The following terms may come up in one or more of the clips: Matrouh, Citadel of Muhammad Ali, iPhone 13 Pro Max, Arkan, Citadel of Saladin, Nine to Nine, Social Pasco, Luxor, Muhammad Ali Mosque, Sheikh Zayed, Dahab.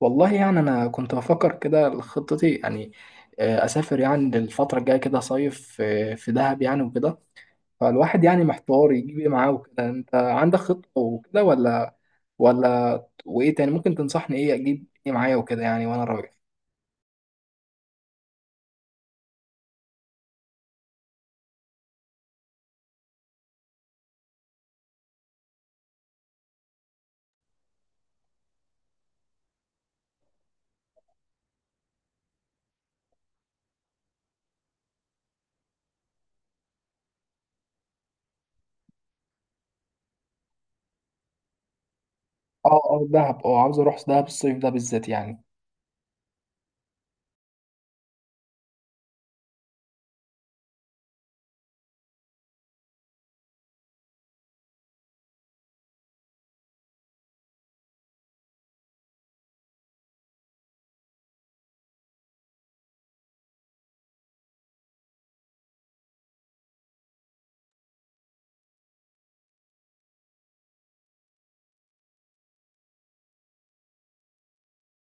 والله يعني انا كنت بفكر كده خطتي يعني اسافر يعني للفتره الجايه كده صيف في دهب يعني وكده. فالواحد يعني محتار يجيب ايه معاه وكده، انت عندك خطه وكده ولا وايه تاني ممكن تنصحني ايه اجيب ايه معايا وكده يعني وانا رايح. اه اه دهب، اه عاوز اروح دهب الصيف ده بالذات يعني.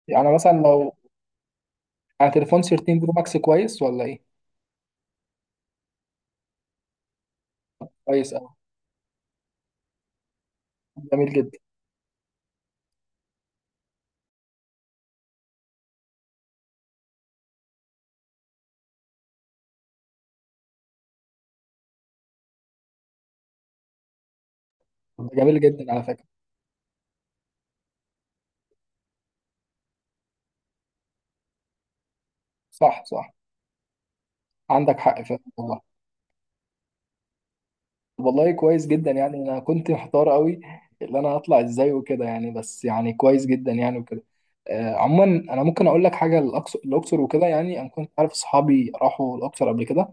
يعني مثلا لو على تليفون 13 برو ماكس كويس ولا ايه؟ كويس قوي. جميل جدا. جميل جدا على فكرة. صح صح. عندك حق فعلا والله. والله كويس جدا يعني انا كنت محتار قوي اللي انا هطلع ازاي وكده يعني، بس يعني كويس جدا يعني وكده. عموما انا ممكن اقول لك حاجه، الاقصر الاقصر وكده يعني انا كنت عارف اصحابي راحوا الاقصر قبل كده.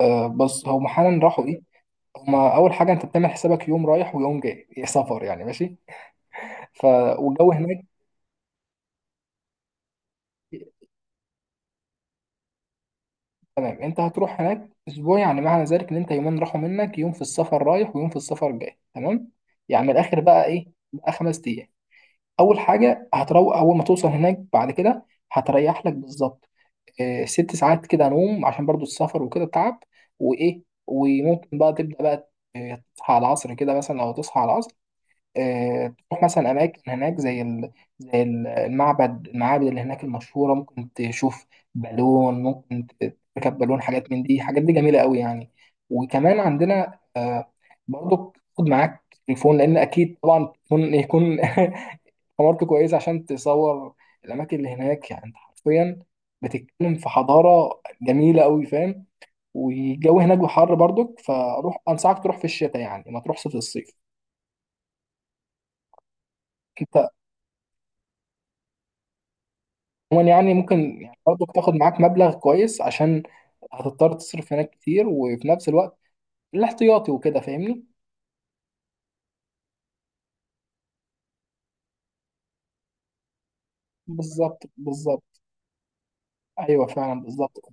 بس هم حالا راحوا ايه؟ هما اول حاجه انت بتعمل حسابك يوم رايح ويوم جاي إيه سفر يعني، ماشي. ف والجو هناك. تمام، انت هتروح هناك اسبوع يعني معنى ذلك ان انت يومين راحوا منك، يوم في السفر رايح ويوم في السفر جاي، تمام. يعني من الاخر بقى ايه؟ بقى 5 ايام. اول حاجه هتروق اول ما توصل هناك، بعد كده هتريح لك بالظبط 6 ساعات كده نوم عشان برضو السفر وكده تعب. وايه وممكن بقى تبدا بقى تصحى على العصر كده، مثلا لو تصحى على العصر تروح مثلا اماكن هناك زي المعابد اللي هناك المشهوره، ممكن تشوف بالون، ممكن تركب بالون، حاجات من دي حاجات دي جميله قوي يعني. وكمان عندنا برضو، خد معاك تليفون لان اكيد طبعا تليفون يكون حمارته كويسة عشان تصور الأماكن اللي هناك. يعني أنت حرفيا بتتكلم في حضارة جميلة أوي، فاهم؟ والجو هناك حر برضك، فروح أنصحك تروح في الشتاء يعني ما تروحش في الصيف. أنت عموما يعني ممكن يعني برضك تاخد معاك مبلغ كويس، عشان هتضطر تصرف هناك كتير وفي نفس الوقت الاحتياطي وكده، فاهمني؟ بالظبط بالظبط. أيوه فعلا بالظبط.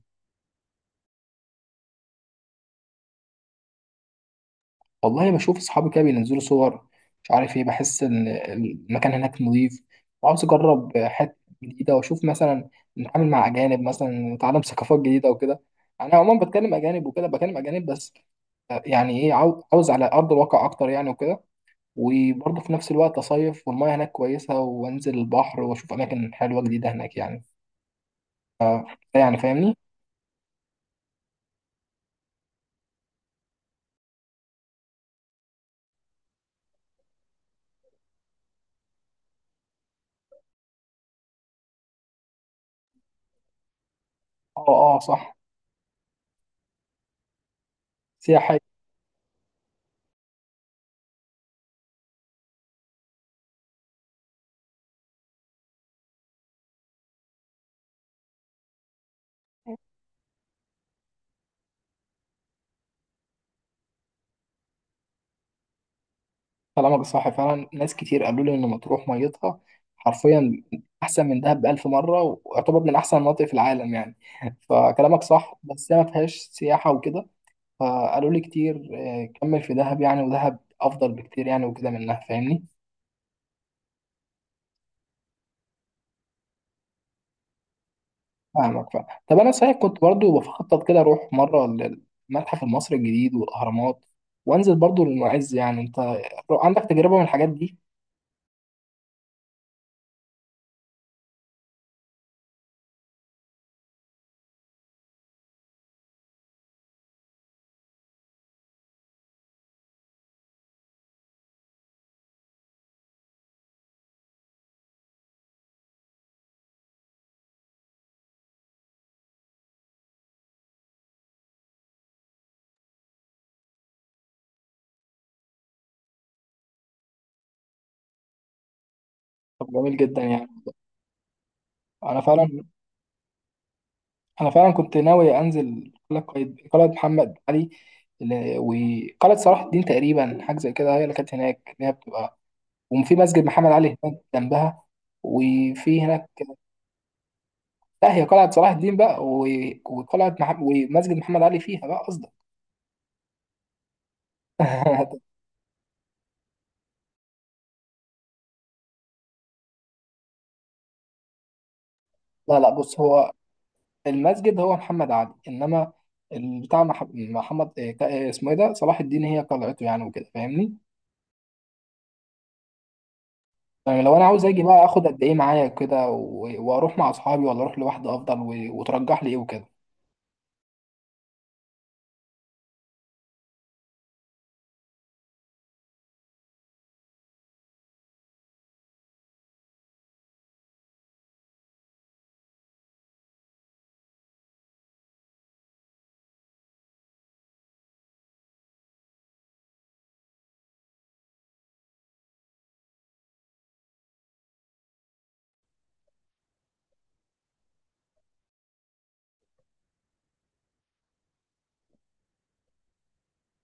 والله بشوف اصحابي كده بينزلوا صور مش عارف ايه، بحس ان المكان هناك نظيف وعاوز اجرب حته جديده، واشوف مثلا نتعامل مع اجانب مثلا، نتعلم ثقافات جديده وكده. انا عموما بتكلم اجانب وكده، بكلم اجانب بس يعني ايه، عاوز على ارض الواقع اكتر يعني وكده. وبرضه في نفس الوقت اصيف، والمياه هناك كويسه وانزل البحر واشوف اماكن حلوه جديده هناك يعني. يعني فاهمني؟ اه اه صح. سياحه. كلامك صح فعلا، ناس كتير قالوا لي ان مطروح ميتها حرفيا احسن من دهب بألف مرة، ويعتبر من احسن المناطق في العالم يعني. فكلامك صح بس هي ما فيهاش سياحة وكده. فقالوا لي كتير كمل في دهب يعني ودهب افضل بكتير يعني وكده منها، فاهمني؟ فاهمك فاهم. طب انا صحيح كنت برضو بخطط كده اروح مرة للمتحف المصري الجديد والاهرامات، وانزل برضو للمعز يعني. انت عندك تجربة من الحاجات دي؟ طب جميل جدا يعني. انا فعلا. انا فعلا كنت ناوي انزل قلعه محمد علي، وقلعه صلاح الدين، تقريبا حاجه زي كده هي اللي كانت هناك اللي هي بتبقى، وفي مسجد محمد علي هناك جنبها. وفي هناك. لا، هي قلعه صلاح الدين بقى وقلعه ومسجد محمد علي فيها بقى قصدك. لا لا، بص هو المسجد هو محمد علي، انما بتاع محمد إيه، اسمه ايه ده، صلاح الدين هي قلعته يعني وكده فاهمني؟ يعني لو انا عاوز اجي بقى اخد قد ايه معايا كده واروح مع اصحابي ولا اروح لوحدي افضل، وترجح لي ايه وكده.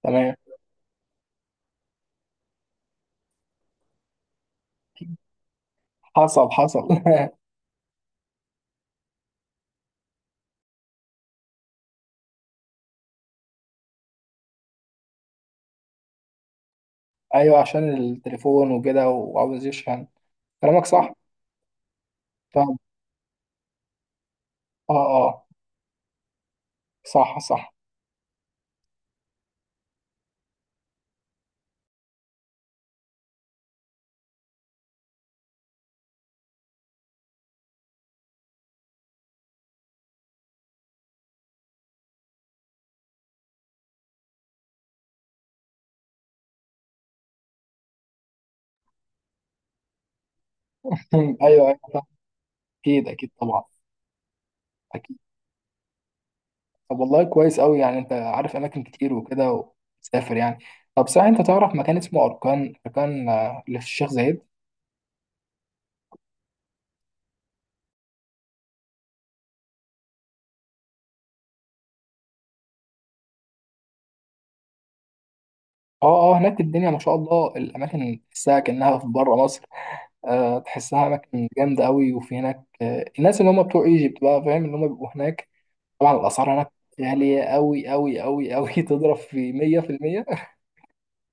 تمام. حصل حصل. ايوه عشان التليفون وكده وعاوز يشحن. كلامك صح. فاهم. اه اه. صح صح. ايوه ايوه فاهم. اكيد اكيد طبعا. اكيد. طب والله كويس قوي يعني، انت عارف اماكن كتير وكده وتسافر يعني. طب صحيح، انت تعرف مكان اسمه اركان اركان اللي في الشيخ زايد؟ اه اه، هناك الدنيا ما شاء الله، الاماكن تحسها كانها في بره مصر تحسها اماكن جامده قوي، وفي هناك الناس اللي هم بتوع ايجيبت بقى فاهم، اللي هم بيبقوا هناك. طبعا الاسعار هناك غاليه قوي قوي قوي قوي تضرب في 100%.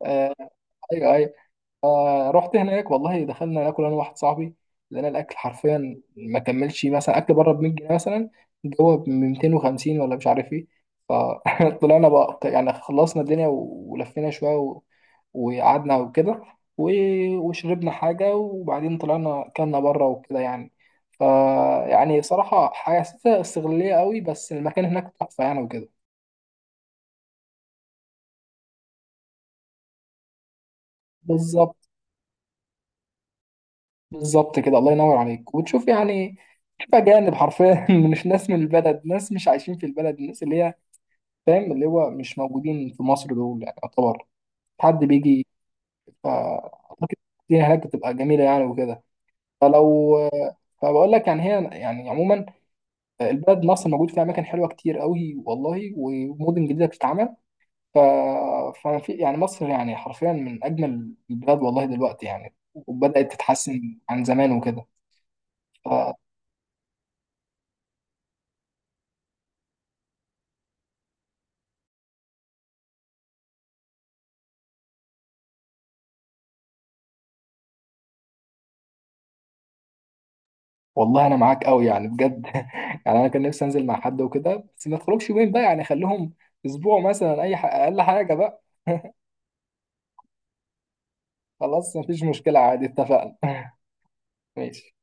آه، ايوه ايوه. رحت هناك والله، دخلنا ناكل انا واحد صاحبي، لقينا الاكل حرفيا ما كملش، مثلا اكل بره ب 100 جنيه مثلا جوه ب 250 ولا مش عارف ايه. فطلعنا بقى يعني، خلصنا الدنيا ولفينا شويه وقعدنا وكده و... وشربنا حاجه، وبعدين طلعنا كلنا بره وكده يعني. ف يعني صراحه حسيتها استغلاليه قوي، بس المكان هناك تحفه يعني وكده. بالظبط. بالظبط كده الله ينور عليك وتشوف يعني. تشوف أجانب حرفيا مش ناس من البلد، ناس مش عايشين في البلد، الناس اللي هي فاهم اللي هو مش موجودين في مصر دول، يعني يعتبر حد بيجي. فأعتقد الدنيا هناك بتبقى جميلة يعني وكده. فلو. فبقول لك يعني، هي يعني عموما البلد مصر موجود فيها أماكن حلوة كتير قوي والله، ومدن جديدة بتتعمل. ف... فما في يعني مصر يعني حرفيا من أجمل البلاد والله دلوقتي يعني، وبدأت تتحسن عن زمان وكده. والله انا معاك قوي يعني بجد يعني، انا كان نفسي انزل مع حد وكده بس ما تخرجش يومين بقى يعني، خليهم اسبوع مثلا، اقل حاجه بقى. خلاص مفيش مشكله عادي اتفقنا. ماشي.